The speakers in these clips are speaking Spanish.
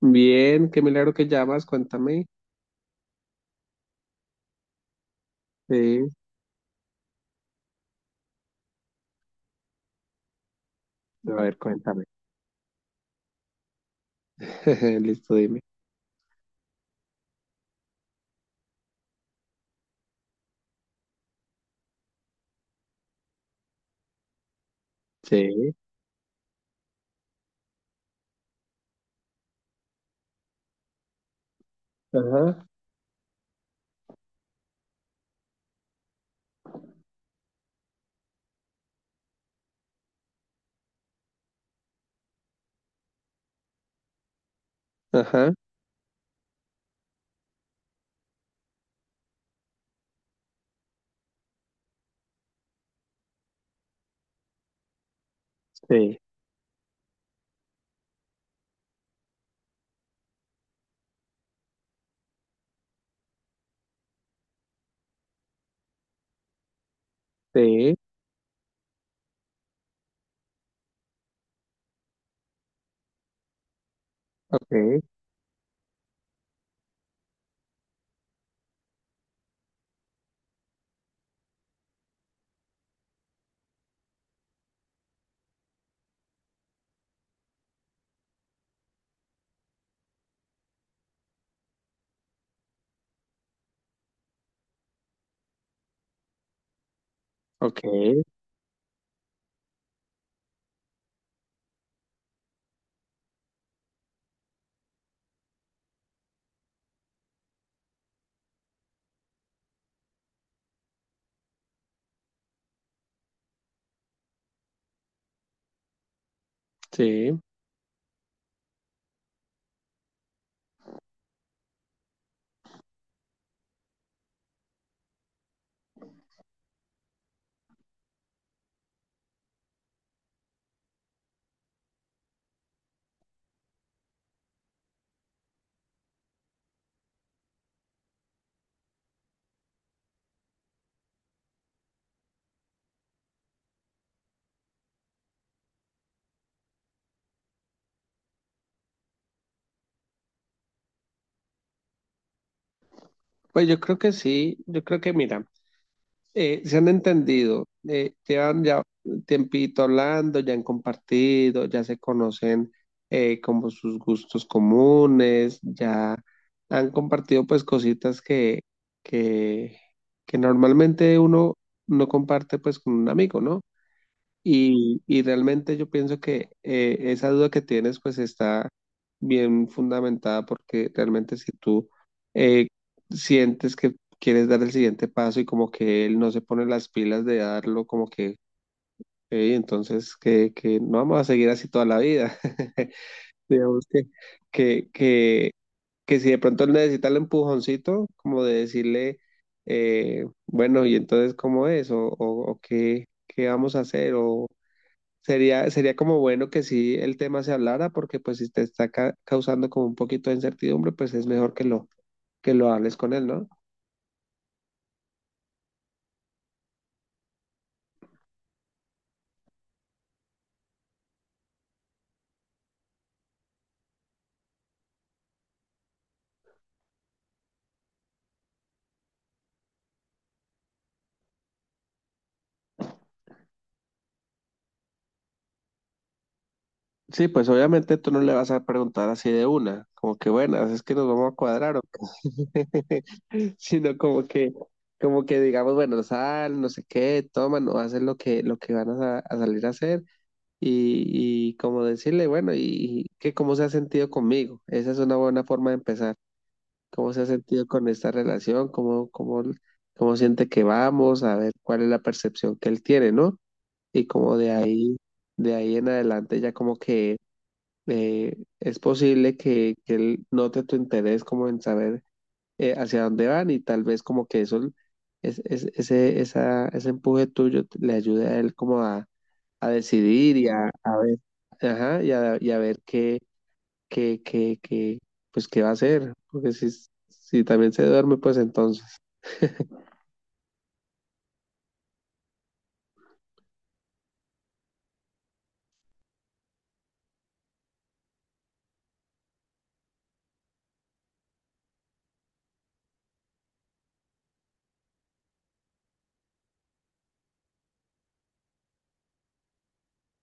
Bien, qué milagro que llamas, cuéntame. Sí, a ver, cuéntame. Listo, dime. Sí, ajá, ajá, sí, sí, ok, ok, sí. Pues yo creo que sí, yo creo que mira. Se han entendido, llevan ya un tiempito hablando, ya han compartido, ya se conocen como sus gustos comunes, ya han compartido pues cositas que, que normalmente uno no comparte pues con un amigo, ¿no? Y realmente yo pienso que esa duda que tienes pues está bien fundamentada porque realmente si tú eh, sientes que quieres dar el siguiente paso y como que él no se pone las pilas de darlo, como que "Ey, entonces que no vamos a seguir así toda la vida." Digamos que, que, que si de pronto él necesita el empujoncito, como de decirle, bueno, y entonces cómo es o qué, qué vamos a hacer o sería como bueno que sí el tema se hablara, porque pues si te está causando como un poquito de incertidumbre, pues es mejor que que lo hables con él, ¿no? Sí, pues obviamente tú no le vas a preguntar así de una, como que bueno, es que nos vamos a cuadrar o qué? Sino como que digamos, bueno, sal, no sé qué, toma, no hacen lo que van a, a salir a hacer, y como decirle, bueno, y que cómo se ha sentido conmigo, esa es una buena forma de empezar. ¿Cómo se ha sentido con esta relación? ¿Cómo, cómo, cómo siente que vamos? A ver cuál es la percepción que él tiene, ¿no? Y como de ahí en adelante ya como que es posible que él note tu interés como en saber hacia dónde van y tal vez como que eso, ese empuje tuyo le ayude a él como a decidir y a ver, ajá, y a ver qué que, que, que, pues, ¿qué va a hacer? Porque si, si también se duerme, pues entonces,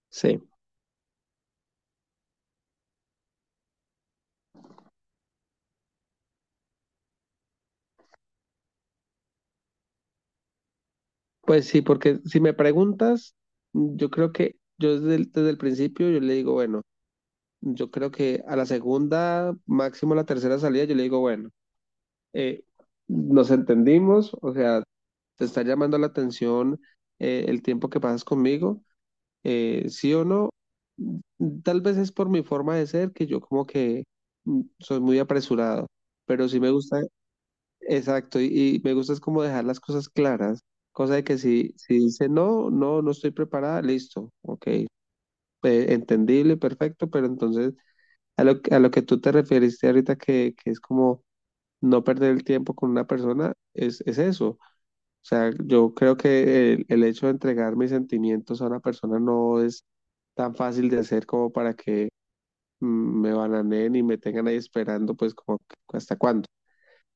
sí. Pues sí, porque si me preguntas, yo creo que yo desde el principio yo le digo, bueno, yo creo que a la segunda, máximo a la tercera salida, yo le digo, bueno, eh, nos entendimos, o sea, te está llamando la atención, el tiempo que pasas conmigo. Sí o no, tal vez es por mi forma de ser, que yo como que soy muy apresurado, pero sí me gusta, exacto, y me gusta es como dejar las cosas claras, cosa de que si, si dice no, no, no estoy preparada, listo, ok, entendible, perfecto. Pero entonces a lo, a lo que tú te referiste ahorita que es como no perder el tiempo con una persona, es eso. O sea, yo creo que el hecho de entregar mis sentimientos a una persona no es tan fácil de hacer como para que me bananeen y me tengan ahí esperando, pues como que, hasta cuándo.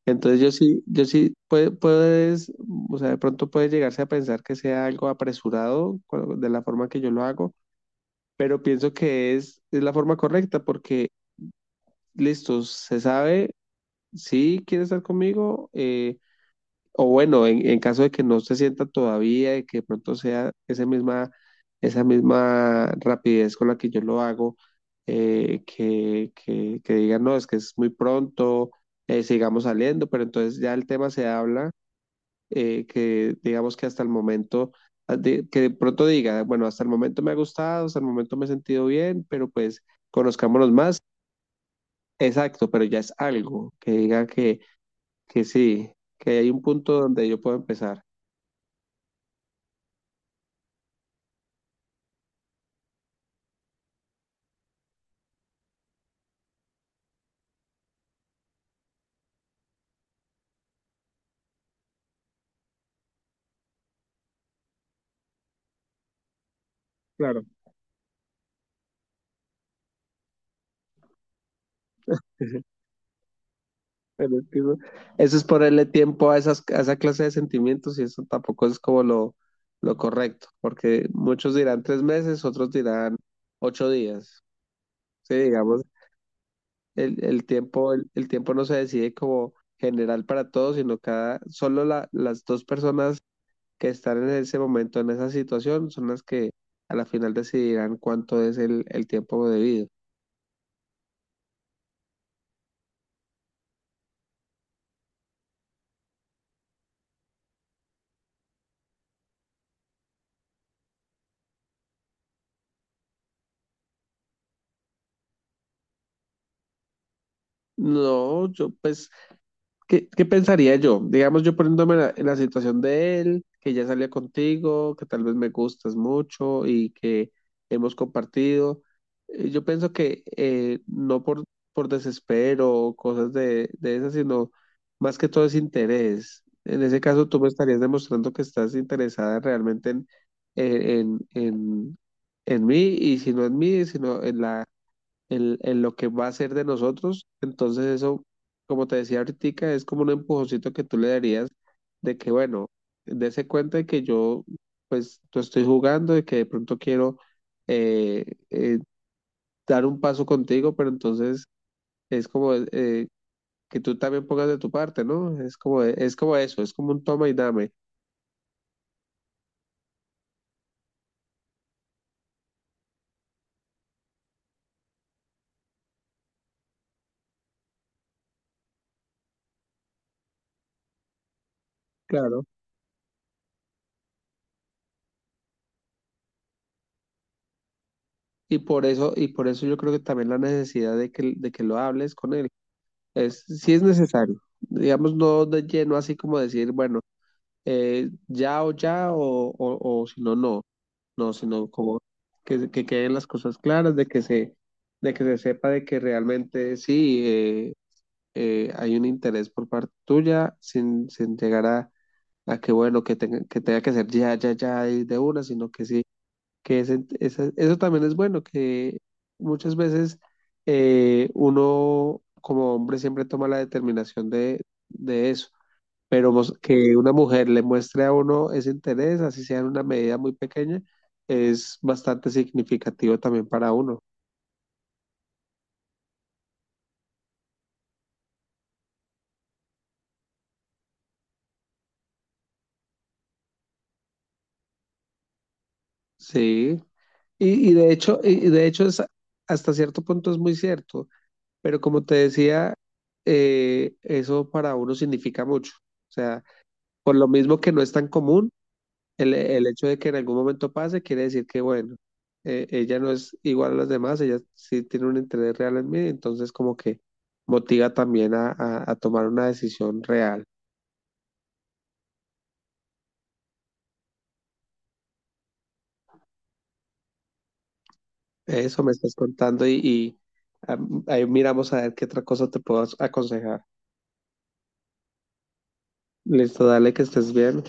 Entonces yo sí, yo sí, puedes, o sea, de pronto puede llegarse a pensar que sea algo apresurado de la forma que yo lo hago, pero pienso que es la forma correcta porque, listo, se sabe, si quiere estar conmigo. O bueno, en caso de que no se sienta todavía y que de pronto sea esa misma rapidez con la que yo lo hago, que digan, no, es que es muy pronto, sigamos saliendo, pero entonces ya el tema se habla, que digamos que hasta el momento, que de pronto diga, bueno, hasta el momento me ha gustado, hasta el momento me he sentido bien, pero pues conozcámonos más, exacto, pero ya es algo, que diga que sí, que hay un punto donde yo puedo empezar. Claro. Pero es que eso es ponerle tiempo a esas, a esa clase de sentimientos y eso tampoco es como lo correcto, porque muchos dirán 3 meses, otros dirán 8 días. Sí, digamos, el tiempo no se decide como general para todos, sino cada, solo las 2 personas que están en ese momento, en esa situación, son las que a la final decidirán cuánto es el tiempo debido. No, yo pues ¿qué, qué pensaría yo? Digamos, yo poniéndome en la situación de él, que ya salió contigo, que tal vez me gustas mucho y que hemos compartido. Yo pienso que no por, por desespero o cosas de esas, sino más que todo es interés. En ese caso, tú me estarías demostrando que estás interesada realmente en, en, en, en mí, y si no en mí, sino en la en lo que va a ser de nosotros. Entonces eso, como te decía ahorita, es como un empujoncito que tú le darías de que, bueno, dése cuenta de que yo, pues, tú estoy jugando, de que de pronto quiero eh, eh, dar un paso contigo, pero entonces es como que tú también pongas de tu parte, ¿no? Es como eso, es como un toma y dame. Claro. Y por eso yo creo que también la necesidad de que lo hables con él. Es, sí es necesario. Digamos, no de lleno así como decir, bueno, ya o ya o si no, no. No, sino como que queden las cosas claras, de que se sepa de que realmente sí hay un interés por parte tuya, sin, sin llegar a que, bueno, que tenga, que tenga que ser ya, ya, ya y de una, sino que sí que eso también es bueno, que muchas veces uno como hombre siempre toma la determinación de eso, pero que una mujer le muestre a uno ese interés, así sea en una medida muy pequeña, es bastante significativo también para uno. Sí, y de hecho, y de hecho hasta cierto punto es muy cierto, pero como te decía, eso para uno significa mucho. O sea, por lo mismo que no es tan común, el hecho de que en algún momento pase quiere decir que, bueno, ella no es igual a las demás, ella sí tiene un interés real en mí, entonces como que motiva también a, a tomar una decisión real. Eso me estás contando y ahí miramos a ver qué otra cosa te puedo aconsejar. Listo, dale que estés bien.